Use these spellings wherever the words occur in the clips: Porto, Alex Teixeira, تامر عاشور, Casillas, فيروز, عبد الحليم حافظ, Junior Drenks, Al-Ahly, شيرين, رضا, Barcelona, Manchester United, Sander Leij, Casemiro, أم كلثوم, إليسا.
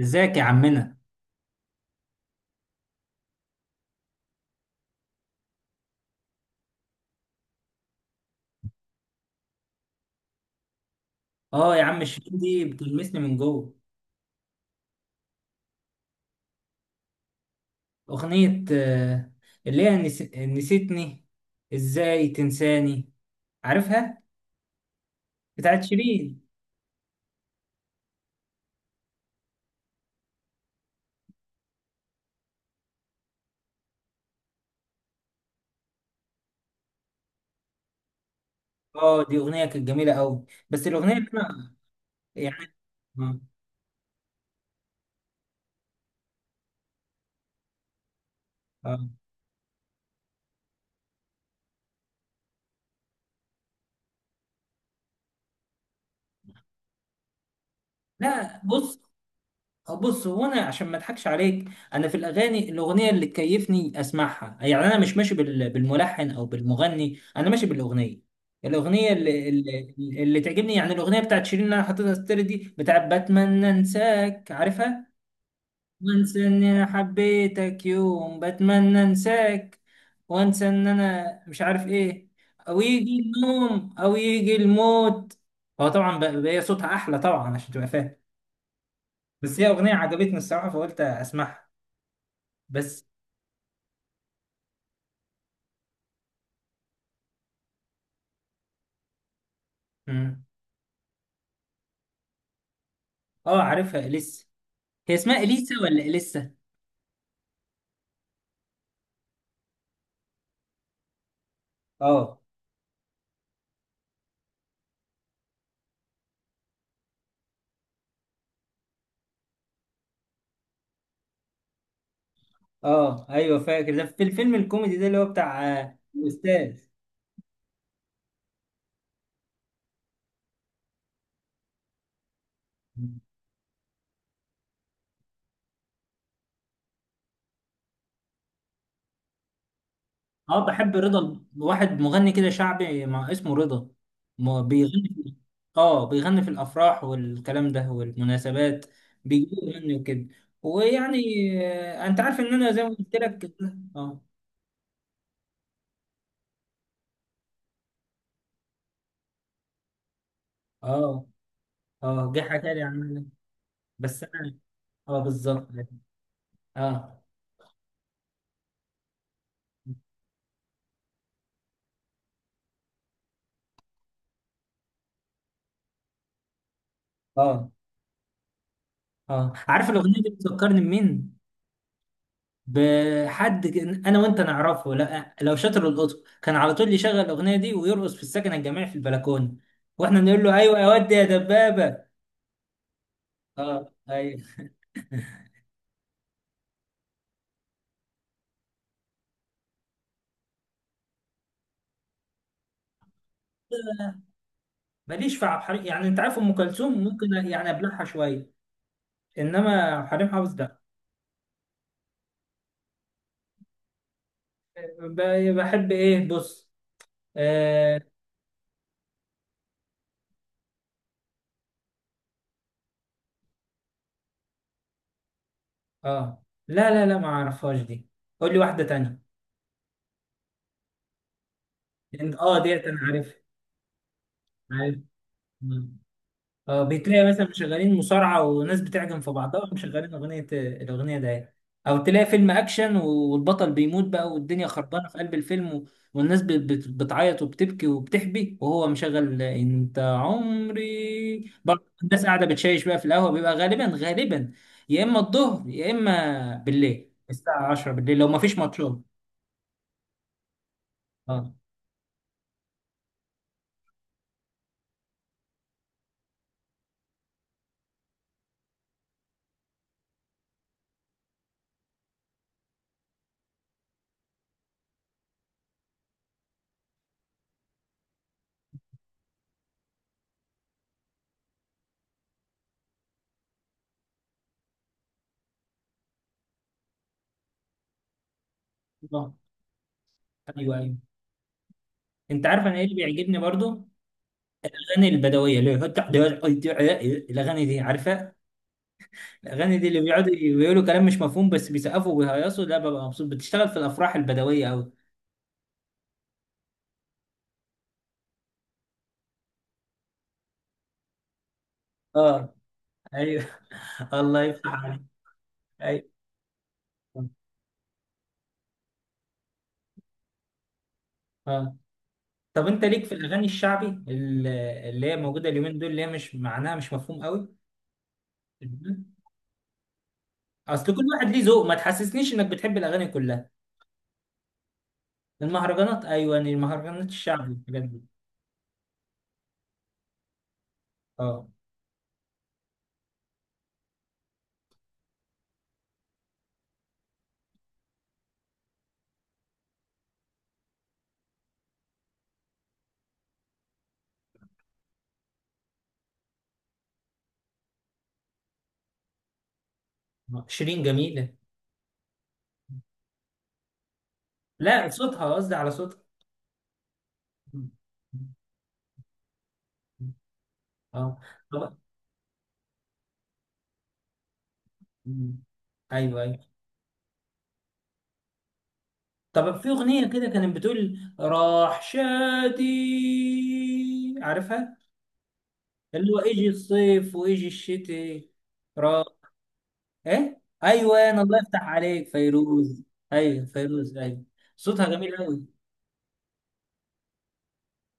ازيك يا عمنا؟ اه، يا عم شيرين دي بتلمسني من جوه. اغنية اللي هي نسيتني. ازاي تنساني؟ عارفها. بتاعت شيرين. اه، دي اغنية كانت جميلة قوي، بس الاغنية اللي انا يعني اه آه. لا، بص. بص، هو انا عشان ما اضحكش عليك، انا في الاغاني الاغنيه اللي تكيفني اسمعها. يعني انا مش ماشي بالملحن او بالمغني، انا ماشي بالاغنيه. الاغنيه اللي اللي تعجبني، يعني الاغنيه بتاعت شيرين اللي انا حاططها ستوري دي بتاعت بتمنى انساك، عارفها. وانسى ان انا حبيتك يوم، بتمنى انساك، وانسى ان انا مش عارف ايه، او يجي النوم او يجي الموت. هو طبعا بقى صوتها احلى طبعا، عشان تبقى فاهم. بس هي أغنية عجبتني الصراحة فقلت أسمعها بس. مم. اه، عارفها إليسا. هي اسمها إليسا ولا إليسا؟ اه، اه، ايوه، فاكر ده في الفيلم الكوميدي ده اللي هو بتاع الأستاذ. مم. اه، بحب رضا، واحد مغني كده شعبي، مع اسمه رضا. ما بيغني في. اه، بيغني في الافراح والكلام ده والمناسبات، بيجيبوه يغني وكده. ويعني انت عارف ان انا زي ما قلت لك. اه، اه، اه، جه حكى لي عن. بس انا. اه بالظبط. اه، اه، اه، عارف الاغنيه دي بتفكرني بمين. بحد انا وانت نعرفه. لا، لو شاطر القطب كان على طول يشغل الاغنيه دي ويرقص في السكن الجامعي في البلكونه، واحنا نقول له ايوه يا واد يا دبابه. اه ايوه. ماليش في عبد الحليم، يعني انت عارف ام كلثوم ممكن يعني ابلعها شويه، انما عبد الحليم حافظ لا. بحب ايه، بص. اه, آه. لا، لا، لا، ما اعرفهاش دي. قول لي واحده تانية. اه، ديت انا عارف. عارف. اه، بتلاقي مثلا مشغلين مصارعة وناس بتعجن في بعضها ومشغلين أغنية الأغنية ده يعني. أو تلاقي فيلم أكشن والبطل بيموت بقى والدنيا خربانة في قلب الفيلم والناس بتعيط وبتبكي وبتحبي، وهو مشغل أنت عمري برضه، الناس قاعدة بتشيش بقى في القهوة، بيبقى غالبا غالبا، يا إما الظهر يا إما بالليل الساعة 10 بالليل لو مفيش ماتشات. اه آه. ايوه ايوه. انت عارف انا ايه اللي بيعجبني برضو؟ الاغاني البدويه اللي هي الأغاني دي، عارفة؟ الاغاني دي اللي بيقعدوا يقولوا كلام مش مفهوم بس بيسقفوا وبيهيصوا، ده ببقى مبسوط، بتشتغل في الافراح البدويه قوي. اه ايوه الله يفتح عليك. ايوه اه. طب انت ليك في الاغاني الشعبي اللي هي موجوده اليومين دول، اللي هي مش معناها مش مفهوم قوي؟ اصل كل واحد ليه ذوق، ما تحسسنيش انك بتحب الاغاني كلها. المهرجانات ايوه، يعني المهرجانات الشعبي والحاجات دي. اه، شيرين جميله. لا، صوتها، قصدي على صوتها. اه. طب- ايوه، أيوه. طب في أغنية كده كانت بتقول راح شادي، عارفها؟ اللي هو اجي الصيف واجي الشتاء، راح. ايه، ايوه، انا الله يفتح عليك، فيروز. ايوه فيروز ايوه. صوتها جميل قوي.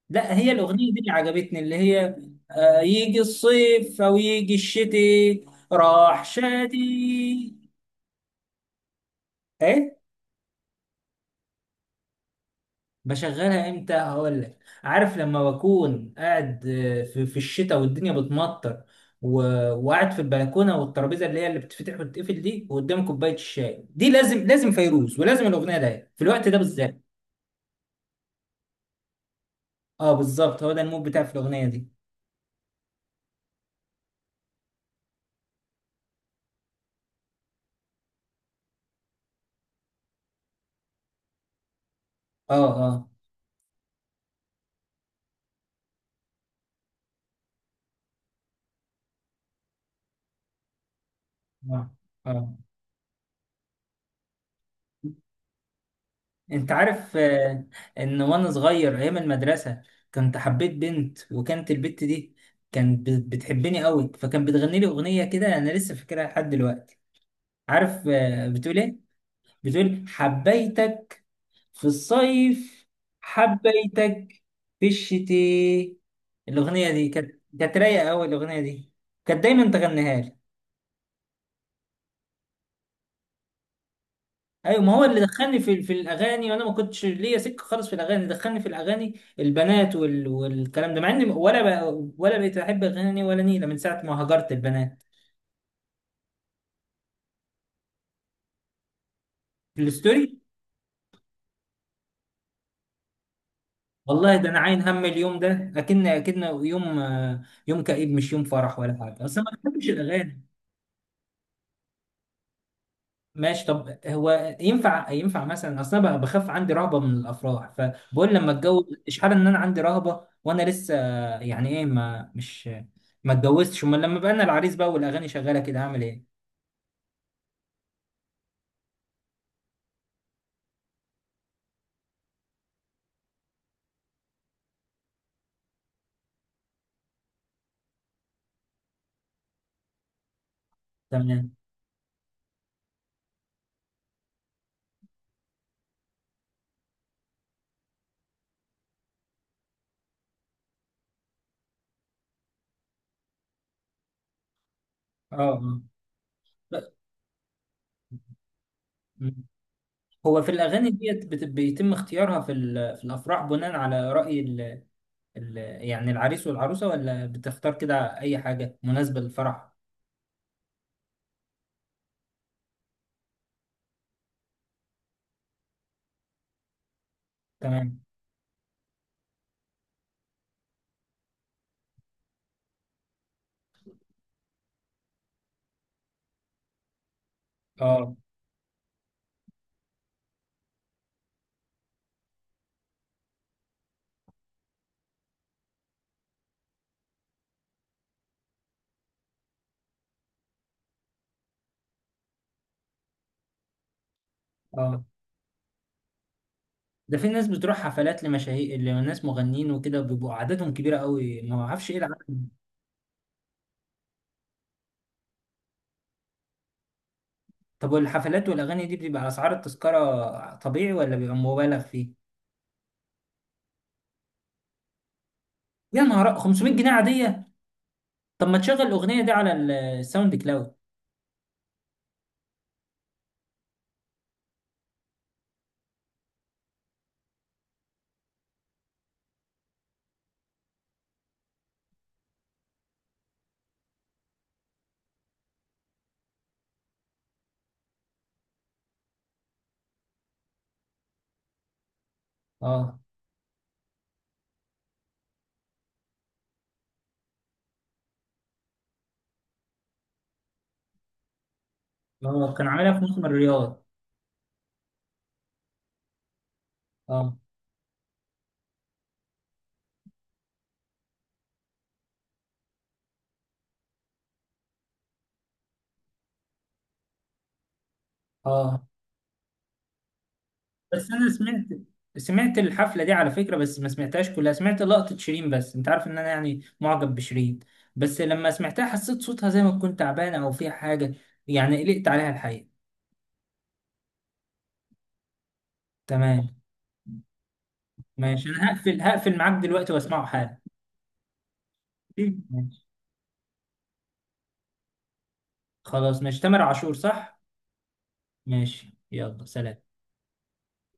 لا، هي الأغنية دي اللي عجبتني، اللي هي يجي الصيف او يجي الشتاء، راح شادي. ايه، بشغلها امتى، هقول لك. عارف لما بكون قاعد في الشتاء والدنيا بتمطر و... وقاعد في البلكونه والترابيزه اللي هي اللي بتفتح وتتقفل دي وقدام كوبايه الشاي دي، لازم لازم فيروز، ولازم الاغنيه ده في الوقت ده بالذات. اه بالظبط، هو ده المود بتاعي في الاغنيه دي. اه، اه، اه، اه. انت عارف ان وانا صغير ايام المدرسه كنت حبيت بنت، وكانت البنت دي كانت بتحبني قوي، فكانت بتغني لي اغنيه كده انا لسه فاكرها لحد دلوقتي. عارف بتقول ايه؟ بتقول حبيتك في الصيف، حبيتك في الشتاء. الاغنيه دي كانت رايقه قوي الاغنيه دي، كانت دايما تغنيها لي. ايوه، ما هو اللي دخلني في الاغاني، وانا ما كنتش ليا سكه خالص في الاغاني، دخلني في الاغاني البنات والكلام ده، مع اني ولا بقيت احب اغاني ولا نيله من ساعه ما هجرت البنات. الستوري. والله ده انا عاين هم، اليوم ده اكن يوم يوم كئيب، مش يوم فرح ولا حاجه، اصلا ما بحبش الاغاني. ماشي. طب هو ينفع مثلا اصلا بقى بخاف، عندي رهبه من الافراح، فبقول لما اتجوز اشحال، ان انا عندي رهبه وانا لسه يعني ايه ما مش ما اتجوزتش، امال لما بقى انا العريس بقى والاغاني شغاله كده، هعمل ايه؟ تمام. اه آه. لا، م. هو في الاغاني ديت بيتم اختيارها في في الافراح بناء على راي ال- يعني العريس والعروسة، ولا بتختار كده أي حاجة مناسبة للفرح؟ تمام. اه اه. ده في ناس بتروح حفلات لمشاهير، لناس مغنيين وكده، بيبقوا عددهم كبيرة قوي، ما اعرفش ايه العدد. طب والحفلات والأغاني دي، بتبقى أسعار التذكرة طبيعي ولا بيبقى مبالغ فيه؟ يا نهار 500 جنيه عادية؟ طب ما تشغل الأغنية دي على الساوند كلاود. اه، اه، كان عاملها في مخمر الرياض. اه، اه، بس انا سمعت، سمعت الحفله دي على فكره، بس ما سمعتهاش كلها، سمعت لقطه شيرين، بس انت عارف ان انا يعني معجب بشيرين. بس لما سمعتها حسيت صوتها زي ما تكون تعبانه او فيها حاجه، يعني قلقت عليها الحقيقه. تمام ماشي، انا هقفل معاك دلوقتي واسمعه حالا. ماشي، خلاص ماشي، تامر عاشور، صح. ماشي، يلا سلام.